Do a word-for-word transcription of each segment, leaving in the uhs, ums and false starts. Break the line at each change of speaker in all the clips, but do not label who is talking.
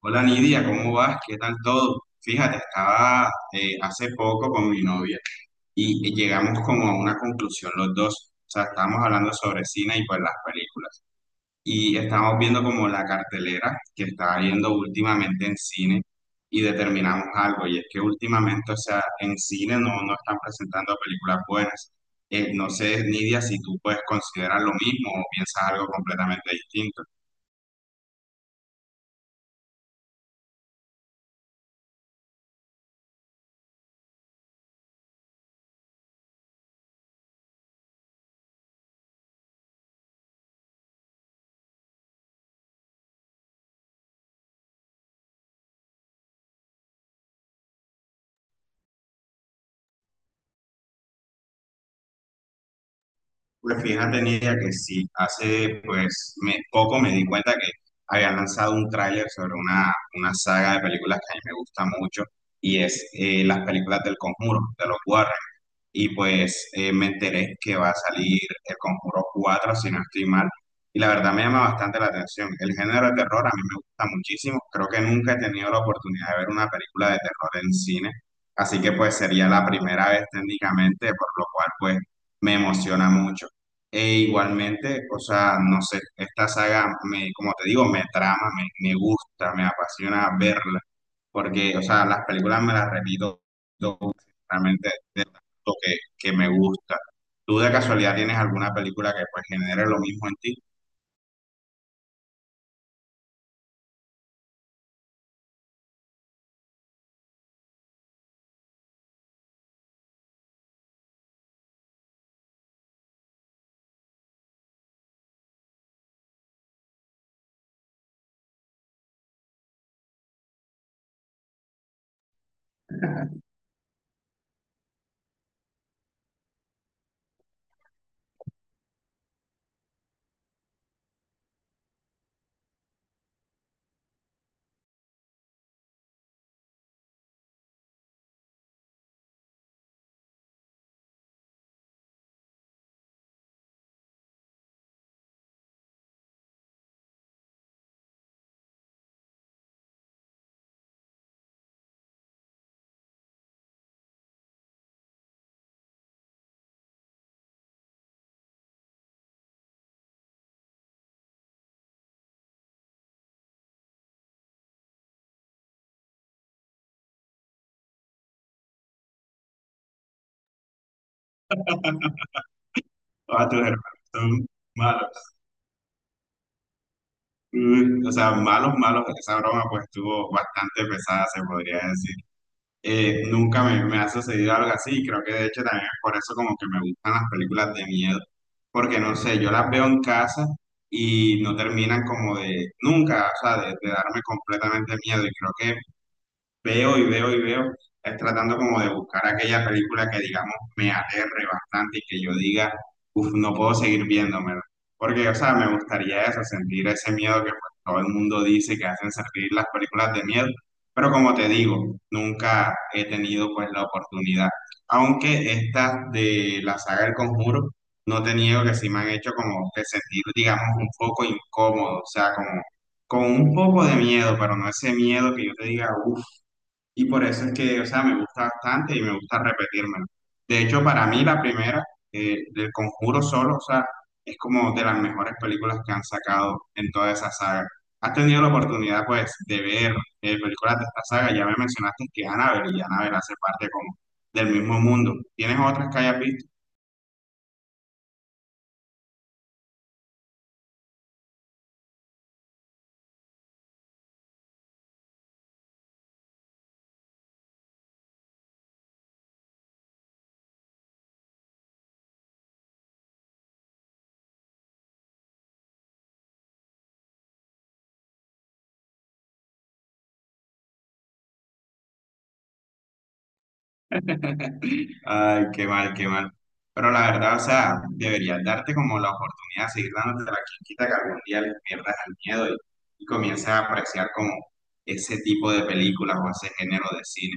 Hola Nidia, ¿cómo vas? ¿Qué tal todo? Fíjate, estaba eh, hace poco con mi novia y y llegamos como a una conclusión los dos. O sea, estábamos hablando sobre cine y pues las películas. Y estábamos viendo como la cartelera que estaba viendo últimamente en cine y determinamos algo. Y es que últimamente, o sea, en cine no, no están presentando películas buenas. Eh, no sé, Nidia, si tú puedes considerar lo mismo o piensas algo completamente distinto. Pues fíjate, Nidia, que sí, hace pues me- poco me di cuenta que habían lanzado un tráiler sobre una, una saga de películas que a mí me gusta mucho y es eh, las películas del Conjuro, de los Warren, y pues eh, me enteré que va a salir El Conjuro cuatro si no estoy mal, y la verdad me llama bastante la atención. El género de terror a mí me gusta muchísimo, creo que nunca he tenido la oportunidad de ver una película de terror en cine, así que pues sería la primera vez técnicamente, por lo cual pues me emociona mucho. E igualmente, o sea, no sé, esta saga me, como te digo, me trama, me, me gusta, me apasiona verla porque, o sea, las películas me las repito realmente de lo que, que me gusta. ¿Tú de casualidad tienes alguna película que pues genere lo mismo en ti? Ah, tus hermanos son malos. Uy, o sea, malos, malos. Esa broma pues estuvo bastante pesada, se podría decir. Eh, nunca me, me ha sucedido algo así y creo que de hecho también es por eso como que me gustan las películas de miedo. Porque no sé, yo las veo en casa y no terminan como de nunca, o sea, de, de darme completamente miedo. Y creo que veo y veo y veo, es tratando como de buscar aquella película que digamos me aterre bastante y que yo diga, uff, no puedo seguir viéndomela. Porque, o sea, me gustaría eso, sentir ese miedo que pues, todo el mundo dice que hacen sentir las películas de miedo. Pero como te digo, nunca he tenido pues la oportunidad. Aunque estas de la saga El Conjuro, no te niego que sí me han hecho como que sentir, digamos, un poco incómodo, o sea, como con un poco de miedo, pero no ese miedo que yo te diga, uff, y por eso es que, o sea, me gusta bastante y me gusta repetírmelo. De hecho, para mí la primera, eh, del Conjuro solo, o sea, es como de las mejores películas que han sacado en toda esa saga. ¿Has tenido la oportunidad, pues, de ver eh, películas de esta saga? Ya me mencionaste que Annabelle y Annabelle hace parte como del mismo mundo. ¿Tienes otras que hayas visto? Ay, qué mal, qué mal. Pero la verdad, o sea, deberías darte como la oportunidad de seguir dándote la quita que algún día le pierdas el miedo y, y comiences a apreciar como ese tipo de películas o ese género de cine.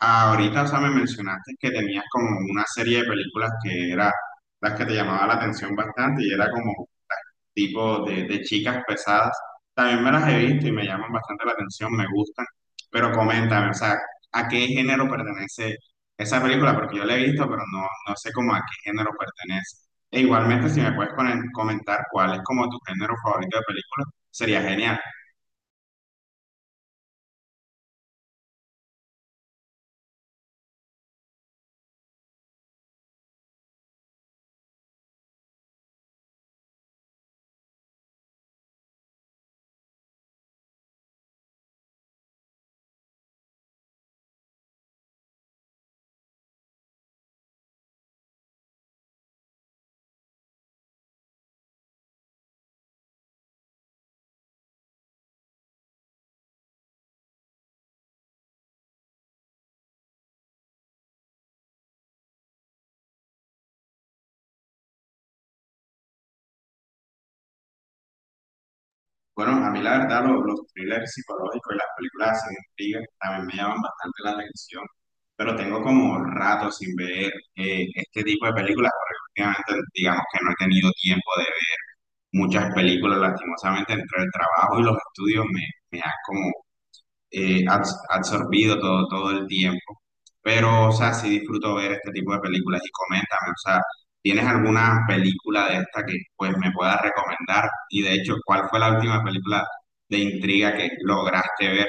Ahorita, o sea, me mencionaste que tenías como una serie de películas que era las que te llamaba la atención bastante y era como tipo de, de chicas pesadas. También me las he visto y me llaman bastante la atención, me gustan. Pero coméntame, o sea, ¿a qué género pertenece esa película? Porque yo la he visto, pero no, no sé cómo a qué género pertenece. E igualmente, si me puedes poner- comentar cuál es como tu género favorito de película, sería genial. Bueno, a mí la verdad lo- los thrillers psicológicos y las películas así de intriga también me llaman bastante la atención, pero tengo como rato sin ver eh, este tipo de películas porque últimamente digamos que no he tenido tiempo de ver muchas películas, lastimosamente entre el trabajo y los estudios me, me ha como eh, abs- absorbido todo, todo el tiempo. Pero, o sea, sí disfruto ver este tipo de películas y coméntame, o sea, ¿tienes alguna película de esta que pues me puedas recomendar? Y de hecho, ¿cuál fue la última película de intriga que lograste ver?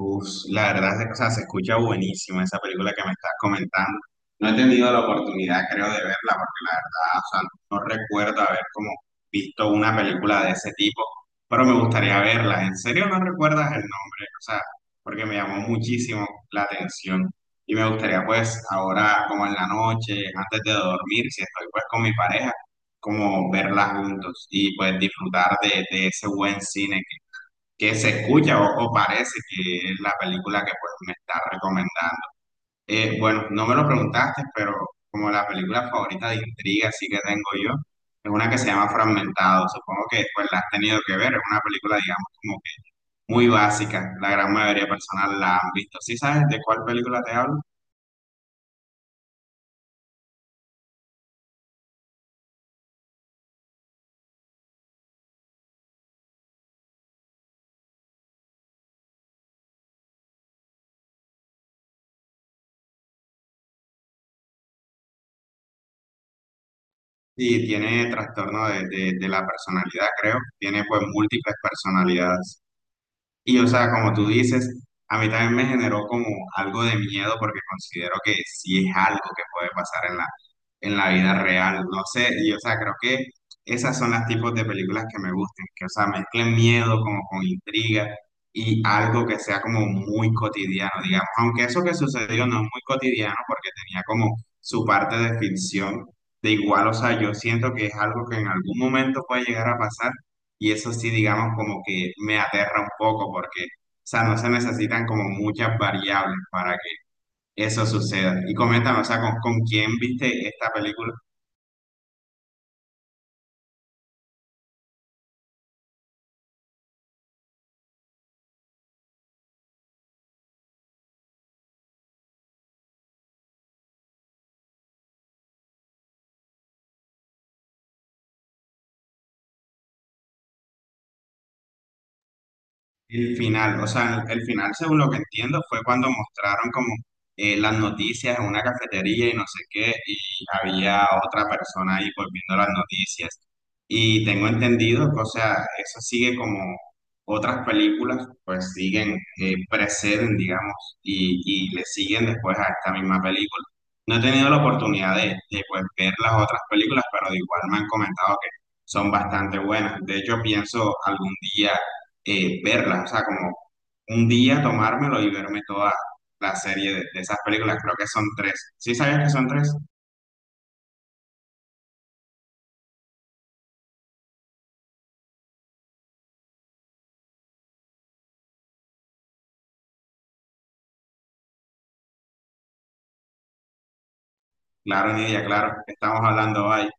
Uf, la verdad, o sea, se escucha buenísimo esa película que me estás comentando. No he tenido la oportunidad, creo, de verla, porque la verdad, o sea, no recuerdo haber como visto una película de ese tipo, pero me gustaría verla. ¿En serio no recuerdas el nombre? O sea, porque me llamó muchísimo la atención y me gustaría, pues, ahora, como en la noche, antes de dormir, si estoy, pues, con mi pareja, como verla juntos y, pues, disfrutar de, de ese buen cine que se escucha o, o parece que es la película que pues me está recomendando. Eh, bueno, no me lo preguntaste, pero como la película favorita de intriga así que tengo yo, es una que se llama Fragmentado. Supongo que pues la has tenido que ver, es una película digamos como que muy básica, la gran mayoría de personas la han visto. ¿Sí sabes de cuál película te hablo? Sí, tiene trastorno de, de de la personalidad, creo. Tiene pues múltiples personalidades. Y o sea, como tú dices, a mí también me generó como algo de miedo porque considero que sí es algo que puede pasar en la, en la vida real. No sé, y o sea, creo que esas son las tipos de películas que me gustan, que o sea, mezclen miedo como con intriga y algo que sea como muy cotidiano, digamos. Aunque eso que sucedió no es muy cotidiano porque tenía como su parte de ficción. De igual, o sea, yo siento que es algo que en algún momento puede llegar a pasar y eso sí, digamos, como que me aterra un poco porque, o sea, no se necesitan como muchas variables para que eso suceda. Y coméntame, o sea, ¿con, con quién viste esta película? El final, o sea, el, el final, según lo que entiendo, fue cuando mostraron como eh, las noticias en una cafetería y no sé qué, y había otra persona ahí volviendo las noticias. Y tengo entendido que, o sea, eso sigue como otras películas, pues siguen, eh, preceden, digamos, y, y le siguen después a esta misma película. No he tenido la oportunidad de, de, pues, ver las otras películas, pero de igual me han comentado que son bastante buenas. De hecho, pienso algún día eh, verlas, o sea, como un día tomármelo y verme toda la serie de, de esas películas, creo que son tres. ¿Sí sabías que son tres? Claro, Nidia, claro, estamos hablando hoy.